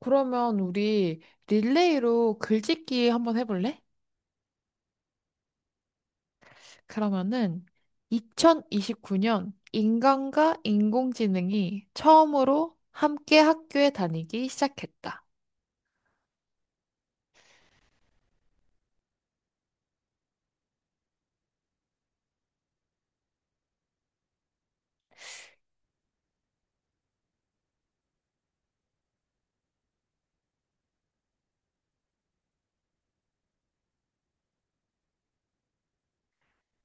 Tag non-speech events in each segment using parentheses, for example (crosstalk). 그러면 우리 릴레이로 글짓기 한번 해볼래? 그러면은 2029년 인간과 인공지능이 처음으로 함께 학교에 다니기 시작했다.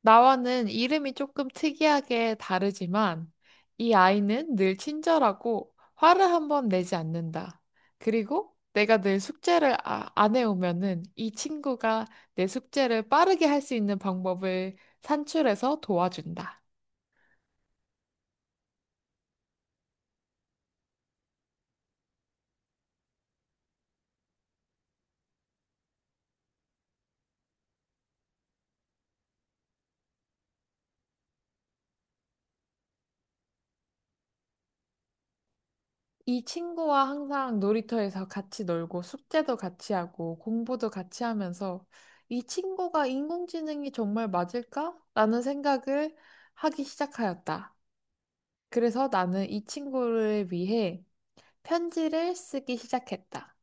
나와는 이름이 조금 특이하게 다르지만 이 아이는 늘 친절하고 화를 한번 내지 않는다. 그리고 내가 늘 숙제를 안 해오면은 이 친구가 내 숙제를 빠르게 할 수 있는 방법을 산출해서 도와준다. 이 친구와 항상 놀이터에서 같이 놀고 숙제도 같이 하고 공부도 같이 하면서 이 친구가 인공지능이 정말 맞을까? 라는 생각을 하기 시작하였다. 그래서 나는 이 친구를 위해 편지를 쓰기 시작했다.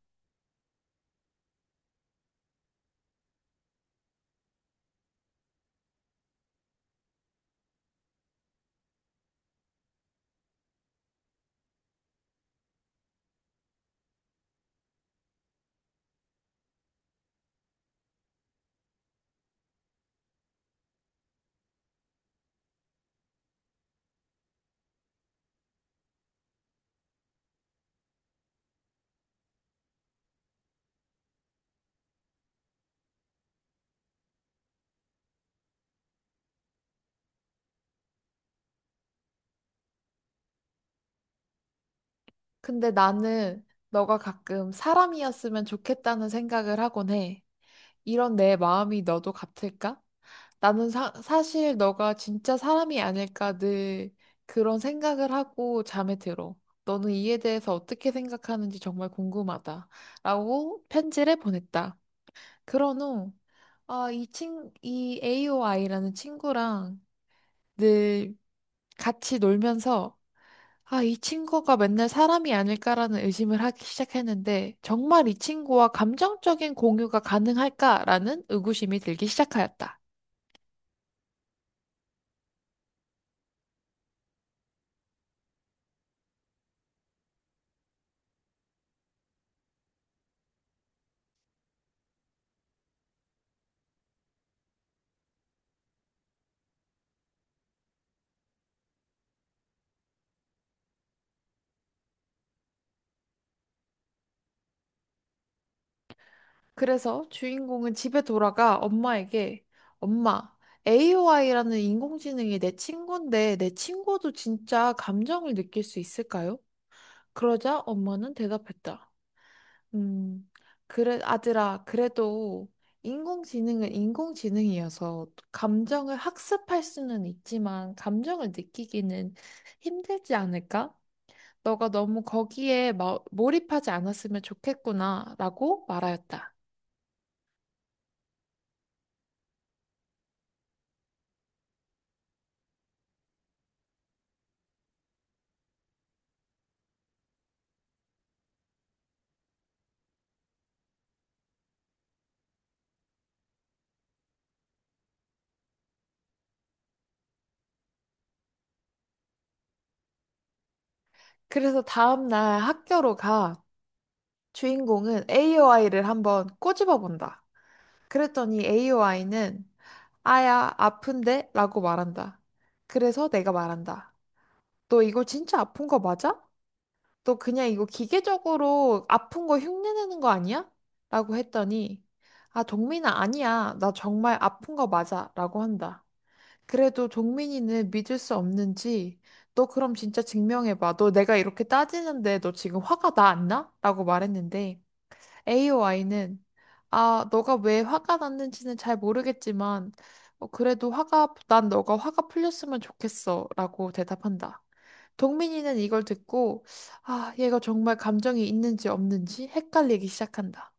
근데 나는 너가 가끔 사람이었으면 좋겠다는 생각을 하곤 해. 이런 내 마음이 너도 같을까? 나는 사실 너가 진짜 사람이 아닐까 늘 그런 생각을 하고 잠에 들어. 너는 이에 대해서 어떻게 생각하는지 정말 궁금하다. 라고 편지를 보냈다. 그런 후, 아, 이 AOI라는 친구랑 늘 같이 놀면서, 아, 이 친구가 맨날 사람이 아닐까라는 의심을 하기 시작했는데 정말 이 친구와 감정적인 공유가 가능할까라는 의구심이 들기 시작하였다. 그래서 주인공은 집에 돌아가 엄마에게, 엄마, AOI라는 인공지능이 내 친구인데 내 친구도 진짜 감정을 느낄 수 있을까요? 그러자 엄마는 대답했다. 음, 그래, 아들아, 그래도 인공지능은 인공지능이어서 감정을 학습할 수는 있지만 감정을 느끼기는 힘들지 않을까? 너가 너무 거기에 몰입하지 않았으면 좋겠구나 라고 말하였다. 그래서 다음날 학교로 가 주인공은 AOI를 한번 꼬집어 본다. 그랬더니 AOI는, 아야, 아픈데? 라고 말한다. 그래서 내가 말한다. 너 이거 진짜 아픈 거 맞아? 너 그냥 이거 기계적으로 아픈 거 흉내내는 거 아니야? 라고 했더니, 아, 동민아, 아니야. 나 정말 아픈 거 맞아. 라고 한다. 그래도 동민이는 믿을 수 없는지, 너 그럼 진짜 증명해봐. 너 내가 이렇게 따지는데 너 지금 화가 나 안 나? 라고 말했는데, AOI는, 아, 너가 왜 화가 났는지는 잘 모르겠지만, 그래도 난 너가 화가 풀렸으면 좋겠어. 라고 대답한다. 동민이는 이걸 듣고, 아, 얘가 정말 감정이 있는지 없는지 헷갈리기 시작한다.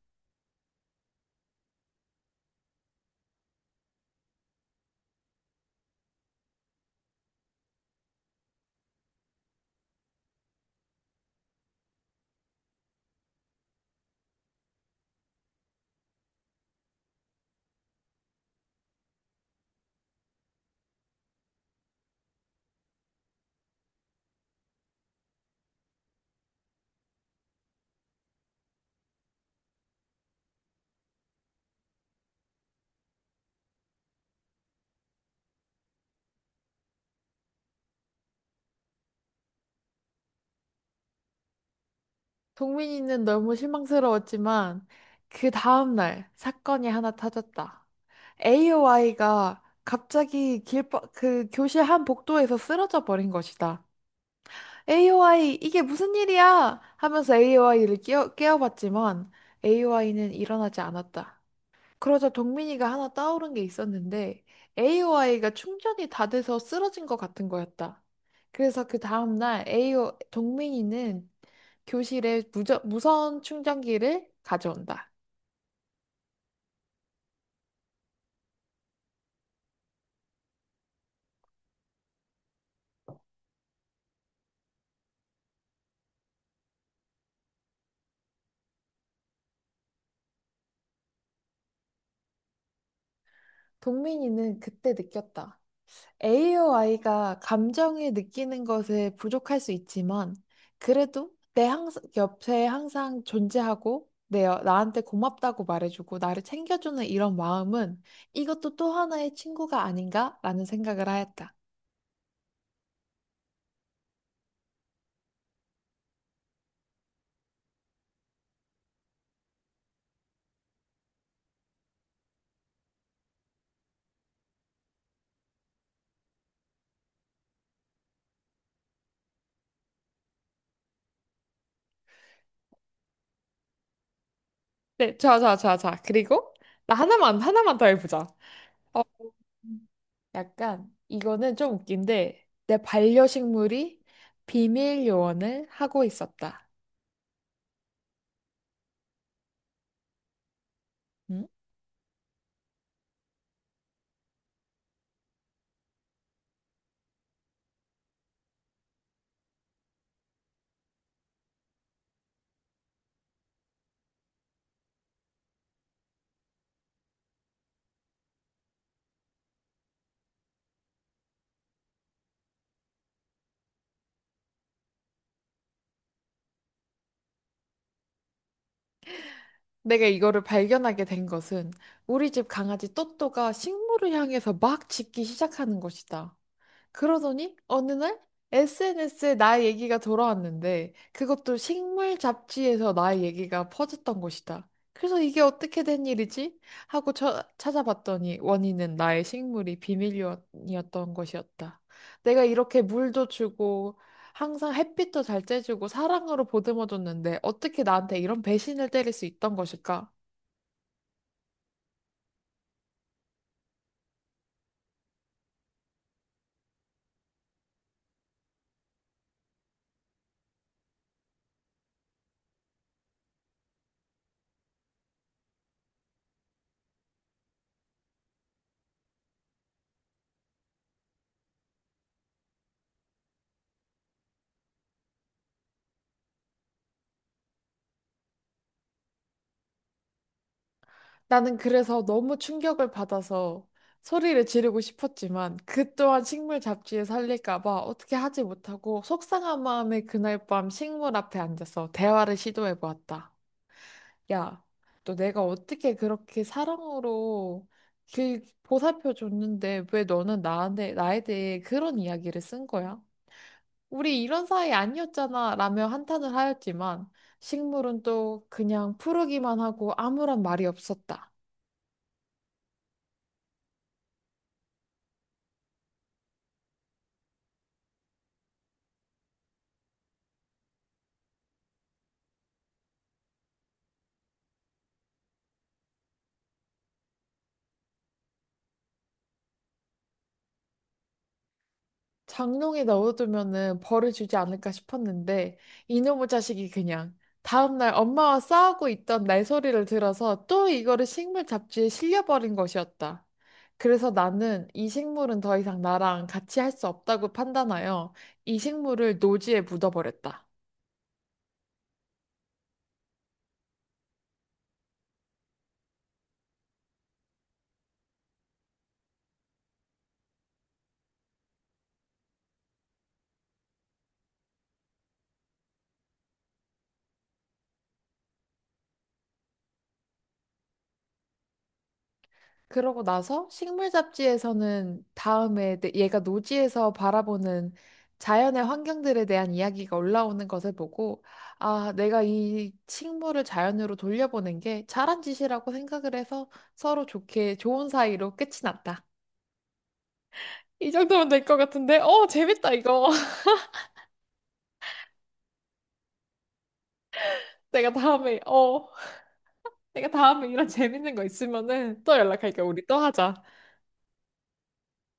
동민이는 너무 실망스러웠지만, 그 다음날 사건이 하나 터졌다. AOI가 갑자기 그 교실 한 복도에서 쓰러져 버린 것이다. AOI, 이게 무슨 일이야 하면서 AOI를 깨워봤지만 AOI는 일어나지 않았다. 그러자 동민이가 하나 떠오른 게 있었는데 AOI가 충전이 다 돼서 쓰러진 것 같은 거였다. 그래서 그 다음날 동민이는 교실에 무선 충전기를 가져온다. 동민이는 그때 느꼈다. AOI가 감정을 느끼는 것에 부족할 수 있지만, 그래도 옆에 항상 존재하고, 나한테 고맙다고 말해주고, 나를 챙겨주는 이런 마음은 이것도 또 하나의 친구가 아닌가라는 생각을 하였다. 네, 좋아, 좋아, 좋아, 좋아. 그리고 나 하나만 더 해보자. 어, 음. 약간, 이거는 좀 웃긴데, 내 반려식물이 비밀 요원을 하고 있었다. 음? 내가 이거를 발견하게 된 것은 우리 집 강아지 또또가 식물을 향해서 막 짖기 시작하는 것이다. 그러더니 어느 날 SNS에 나의 얘기가 돌아왔는데 그것도 식물 잡지에서 나의 얘기가 퍼졌던 것이다. 그래서 이게 어떻게 된 일이지 하고 찾아봤더니 원인은 나의 식물이 비밀이었던 것이었다. 내가 이렇게 물도 주고 항상 햇빛도 잘 쬐주고 사랑으로 보듬어줬는데 어떻게 나한테 이런 배신을 때릴 수 있던 것일까? 나는 그래서 너무 충격을 받아서 소리를 지르고 싶었지만 그 또한 식물 잡지에 살릴까 봐 어떻게 하지 못하고 속상한 마음에 그날 밤 식물 앞에 앉아서 대화를 시도해 보았다. 야, 너 내가 어떻게 그렇게 사랑으로 길 보살펴 줬는데 왜 너는 나한테 나에 대해 그런 이야기를 쓴 거야? 우리 이런 사이 아니었잖아 라며 한탄을 하였지만 식물은 또 그냥 푸르기만 하고 아무런 말이 없었다. 장롱에 넣어두면은 벌을 주지 않을까 싶었는데 이놈의 자식이 그냥 다음날 엄마와 싸우고 있던 날 소리를 들어서 또 이거를 식물 잡지에 실려버린 것이었다. 그래서 나는 이 식물은 더 이상 나랑 같이 할 수 없다고 판단하여 이 식물을 노지에 묻어버렸다. 그러고 나서 식물 잡지에서는 다음에 얘가 노지에서 바라보는 자연의 환경들에 대한 이야기가 올라오는 것을 보고, 아, 내가 이 식물을 자연으로 돌려보낸 게 잘한 짓이라고 생각을 해서 서로 좋게 좋은 사이로 끝이 났다. 이 정도면 될 것 같은데, 어, 재밌다, 이거. (laughs) 내가 내가 다음에 이런 재밌는 거 있으면은 또 연락할게. 우리 또 하자.